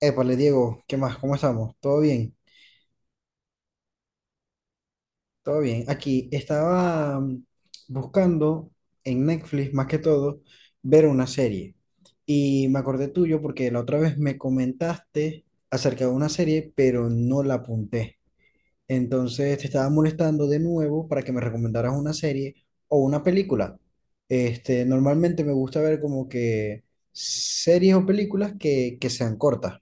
Épale, Diego, ¿qué más? ¿Cómo estamos? ¿Todo bien? ¿Todo bien? Aquí estaba buscando en Netflix, más que todo, ver una serie. Y me acordé tuyo porque la otra vez me comentaste acerca de una serie, pero no la apunté. Entonces te estaba molestando de nuevo para que me recomendaras una serie o una película. Normalmente me gusta ver como que series o películas que sean cortas.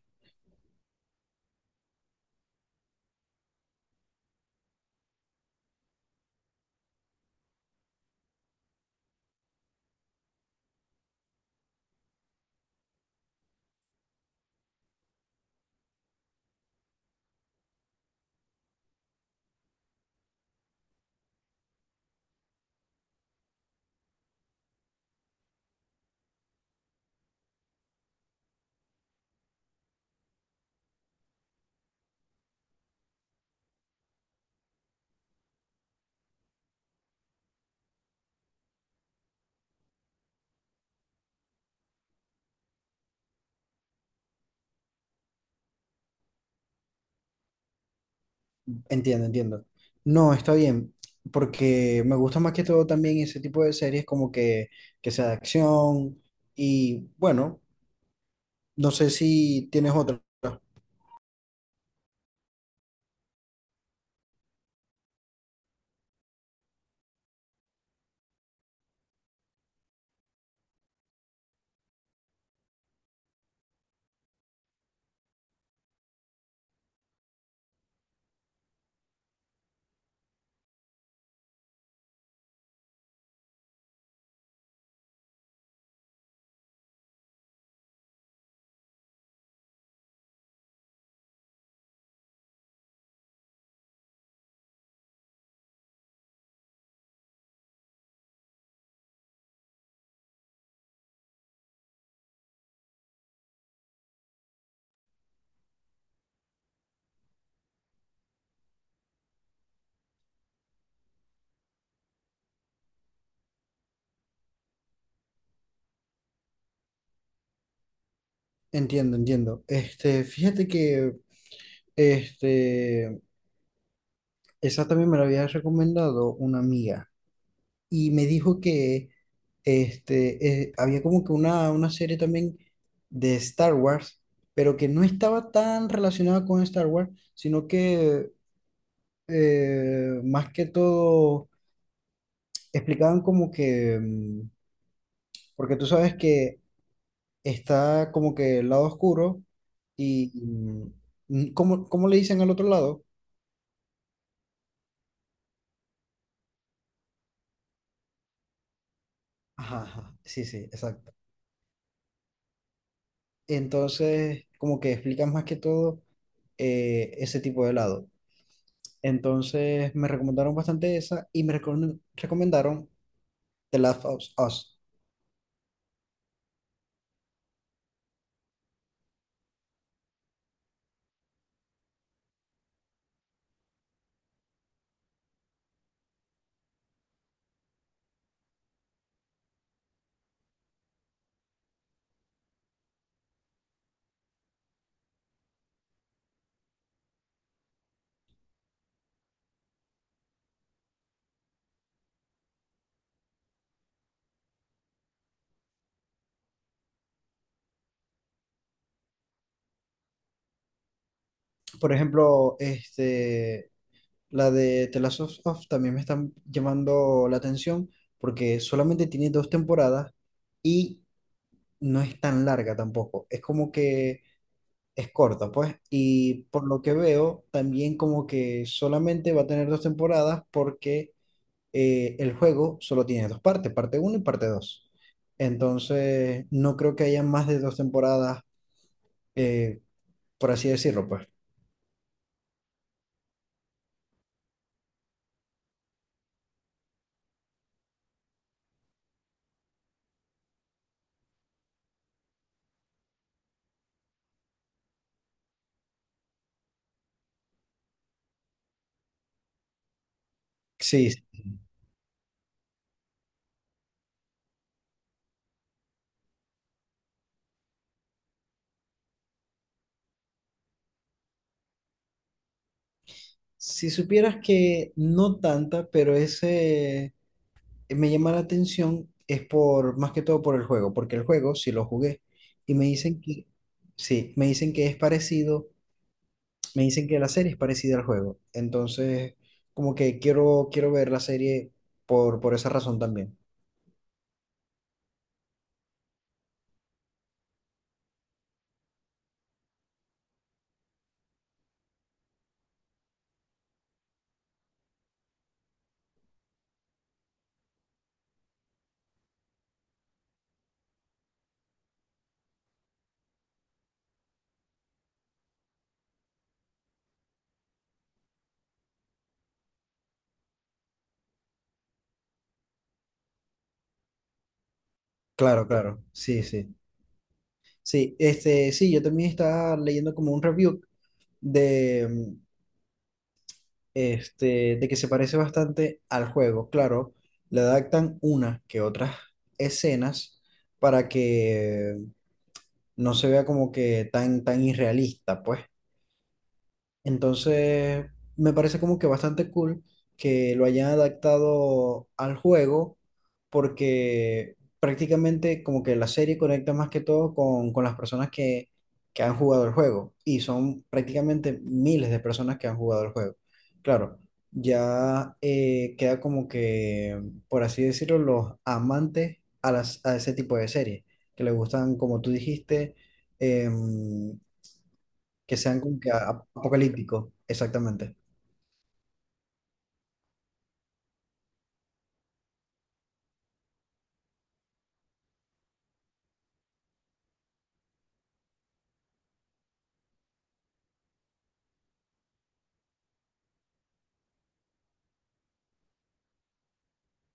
Entiendo, entiendo. No, está bien, porque me gusta más que todo también ese tipo de series como que sea de acción y bueno, no sé si tienes otra. Entiendo, entiendo. Este, fíjate que este, esa también me la había recomendado una amiga y me dijo que había como que una serie también de Star Wars, pero que no estaba tan relacionada con Star Wars, sino que más que todo, explicaban como que, porque tú sabes que está como que el lado oscuro y, mm. ¿Cómo, cómo le dicen al otro lado? Ajá, ajá, sí, sí, exacto. Entonces, como que explican más que todo ese tipo de helado. Entonces, me recomendaron bastante esa y recomendaron The Last of Us. Por ejemplo, la de The Last of Us también me está llamando la atención porque solamente tiene dos temporadas y no es tan larga tampoco. Es como que es corta, pues. Y por lo que veo, también como que solamente va a tener dos temporadas porque el juego solo tiene dos partes, parte uno y parte dos. Entonces, no creo que haya más de dos temporadas, eh, por así decirlo, pues. Sí, si supieras que no tanta, pero ese... me llama la atención es por, más que todo por el juego, porque el juego sí lo jugué y me dicen que, sí, me dicen que es parecido, me dicen que la serie es parecida al juego. Entonces, como que quiero ver la serie por esa razón también. Claro, claro, sí, sí. Sí, este, sí, yo también estaba leyendo como un review de, de que se parece bastante al juego. Claro, le adaptan unas que otras escenas para que no se vea como que tan, tan irrealista, pues. Entonces, me parece como que bastante cool que lo hayan adaptado al juego, porque prácticamente como que la serie conecta más que todo con las personas que han jugado el juego, y son prácticamente miles de personas que han jugado el juego. Claro, ya queda como que, por así decirlo, los amantes a, las, a ese tipo de series, que les gustan, como tú dijiste, em, que sean como que apocalípticos, exactamente.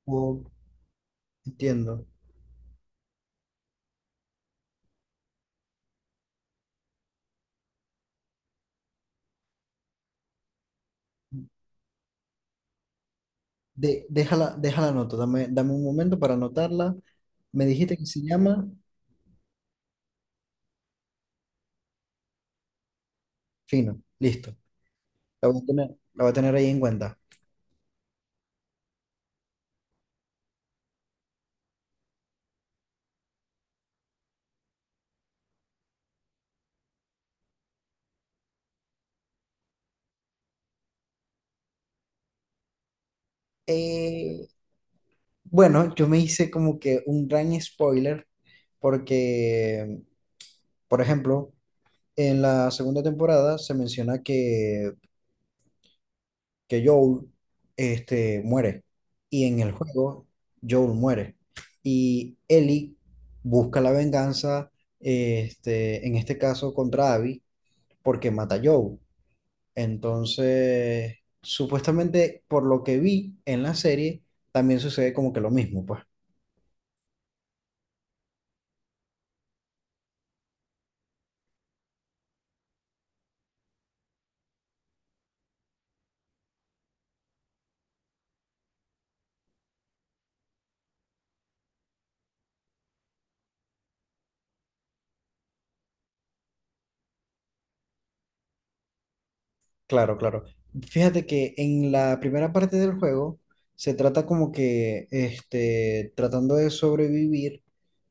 O, entiendo. Déjala, déjala nota, dame un momento para anotarla. Me dijiste que se llama Fino, listo. La voy a tener, la voy a tener ahí en cuenta. Eh, bueno, yo me hice como que un gran spoiler porque, por ejemplo, en la segunda temporada se menciona que Joel, muere. Y en el juego, Joel muere. Y Ellie busca la venganza, en este caso contra Abby, porque mata a Joel. Entonces, supuestamente, por lo que vi en la serie, también sucede como que lo mismo, pues. Claro, claro. Fíjate que en la primera parte del juego se trata como que, tratando de sobrevivir.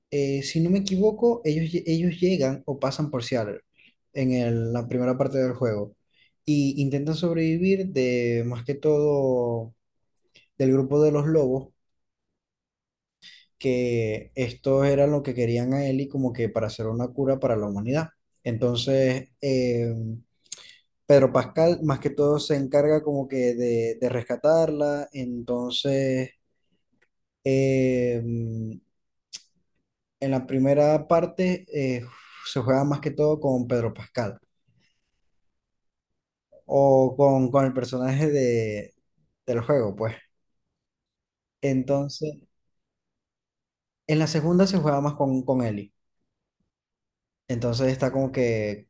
Si no me equivoco, ellos, ellos llegan o pasan por Seattle en la primera parte del juego y intentan sobrevivir de más que todo del grupo de los lobos, que estos eran lo que querían a Ellie como que para hacer una cura para la humanidad. Entonces, Pedro Pascal más que todo se encarga como que de rescatarla. Entonces, en la primera parte se juega más que todo con Pedro Pascal o con el personaje de, del juego, pues. Entonces, en la segunda se juega más con Ellie. Entonces está como que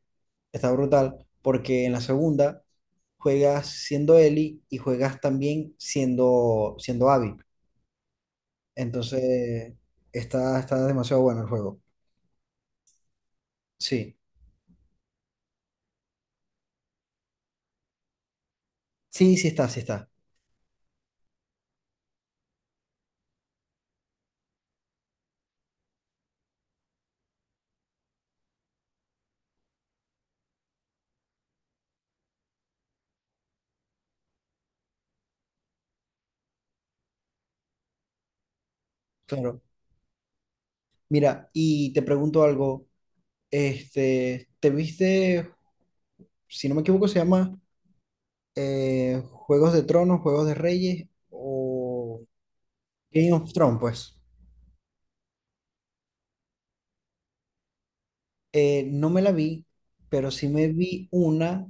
está brutal, porque en la segunda juegas siendo Ellie y juegas también siendo, siendo Abby. Entonces, está, está demasiado bueno el juego. Sí, sí, sí está, sí está. Claro. Mira, y te pregunto algo. Este, ¿te viste, si no me equivoco, se llama Juegos de Tronos, Juegos de Reyes o Game of Thrones, pues? No me la vi, pero sí me vi una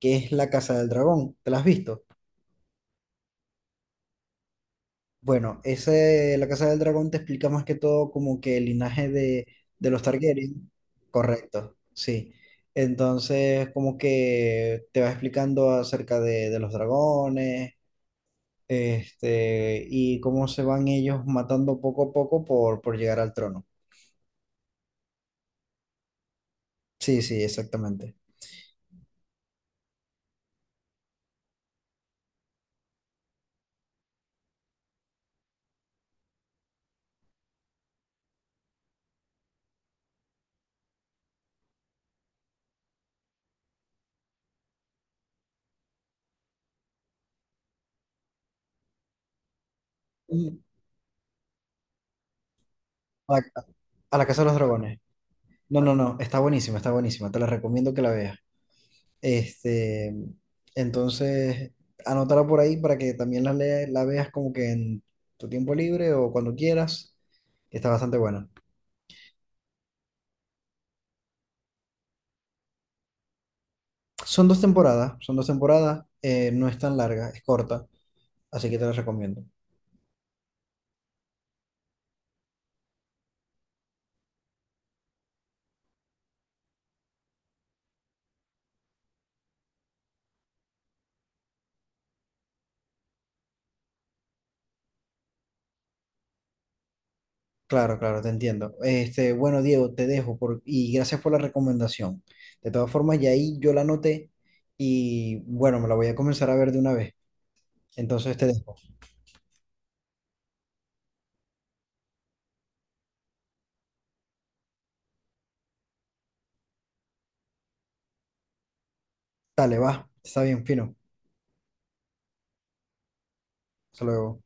que es La Casa del Dragón. ¿Te la has visto? Bueno, ese, La Casa del Dragón te explica más que todo como que el linaje de los Targaryen. Correcto, sí. Entonces, como que te va explicando acerca de los dragones, y cómo se van ellos matando poco a poco por llegar al trono. Sí, sí, exactamente. Y A, a la Casa de los Dragones. No, no, no, está buenísima, está buenísima. Te la recomiendo que la veas. Este, entonces, anótala por ahí para que también la veas como que en tu tiempo libre o cuando quieras. Está bastante buena. Son dos temporadas, no es tan larga, es corta, así que te la recomiendo. Claro, claro, te entiendo. Este, bueno, Diego, te dejo por, y gracias por la recomendación. De todas formas, ya ahí yo la anoté y bueno, me la voy a comenzar a ver de una vez. Entonces te dejo. Dale, va, está bien, fino. Hasta luego.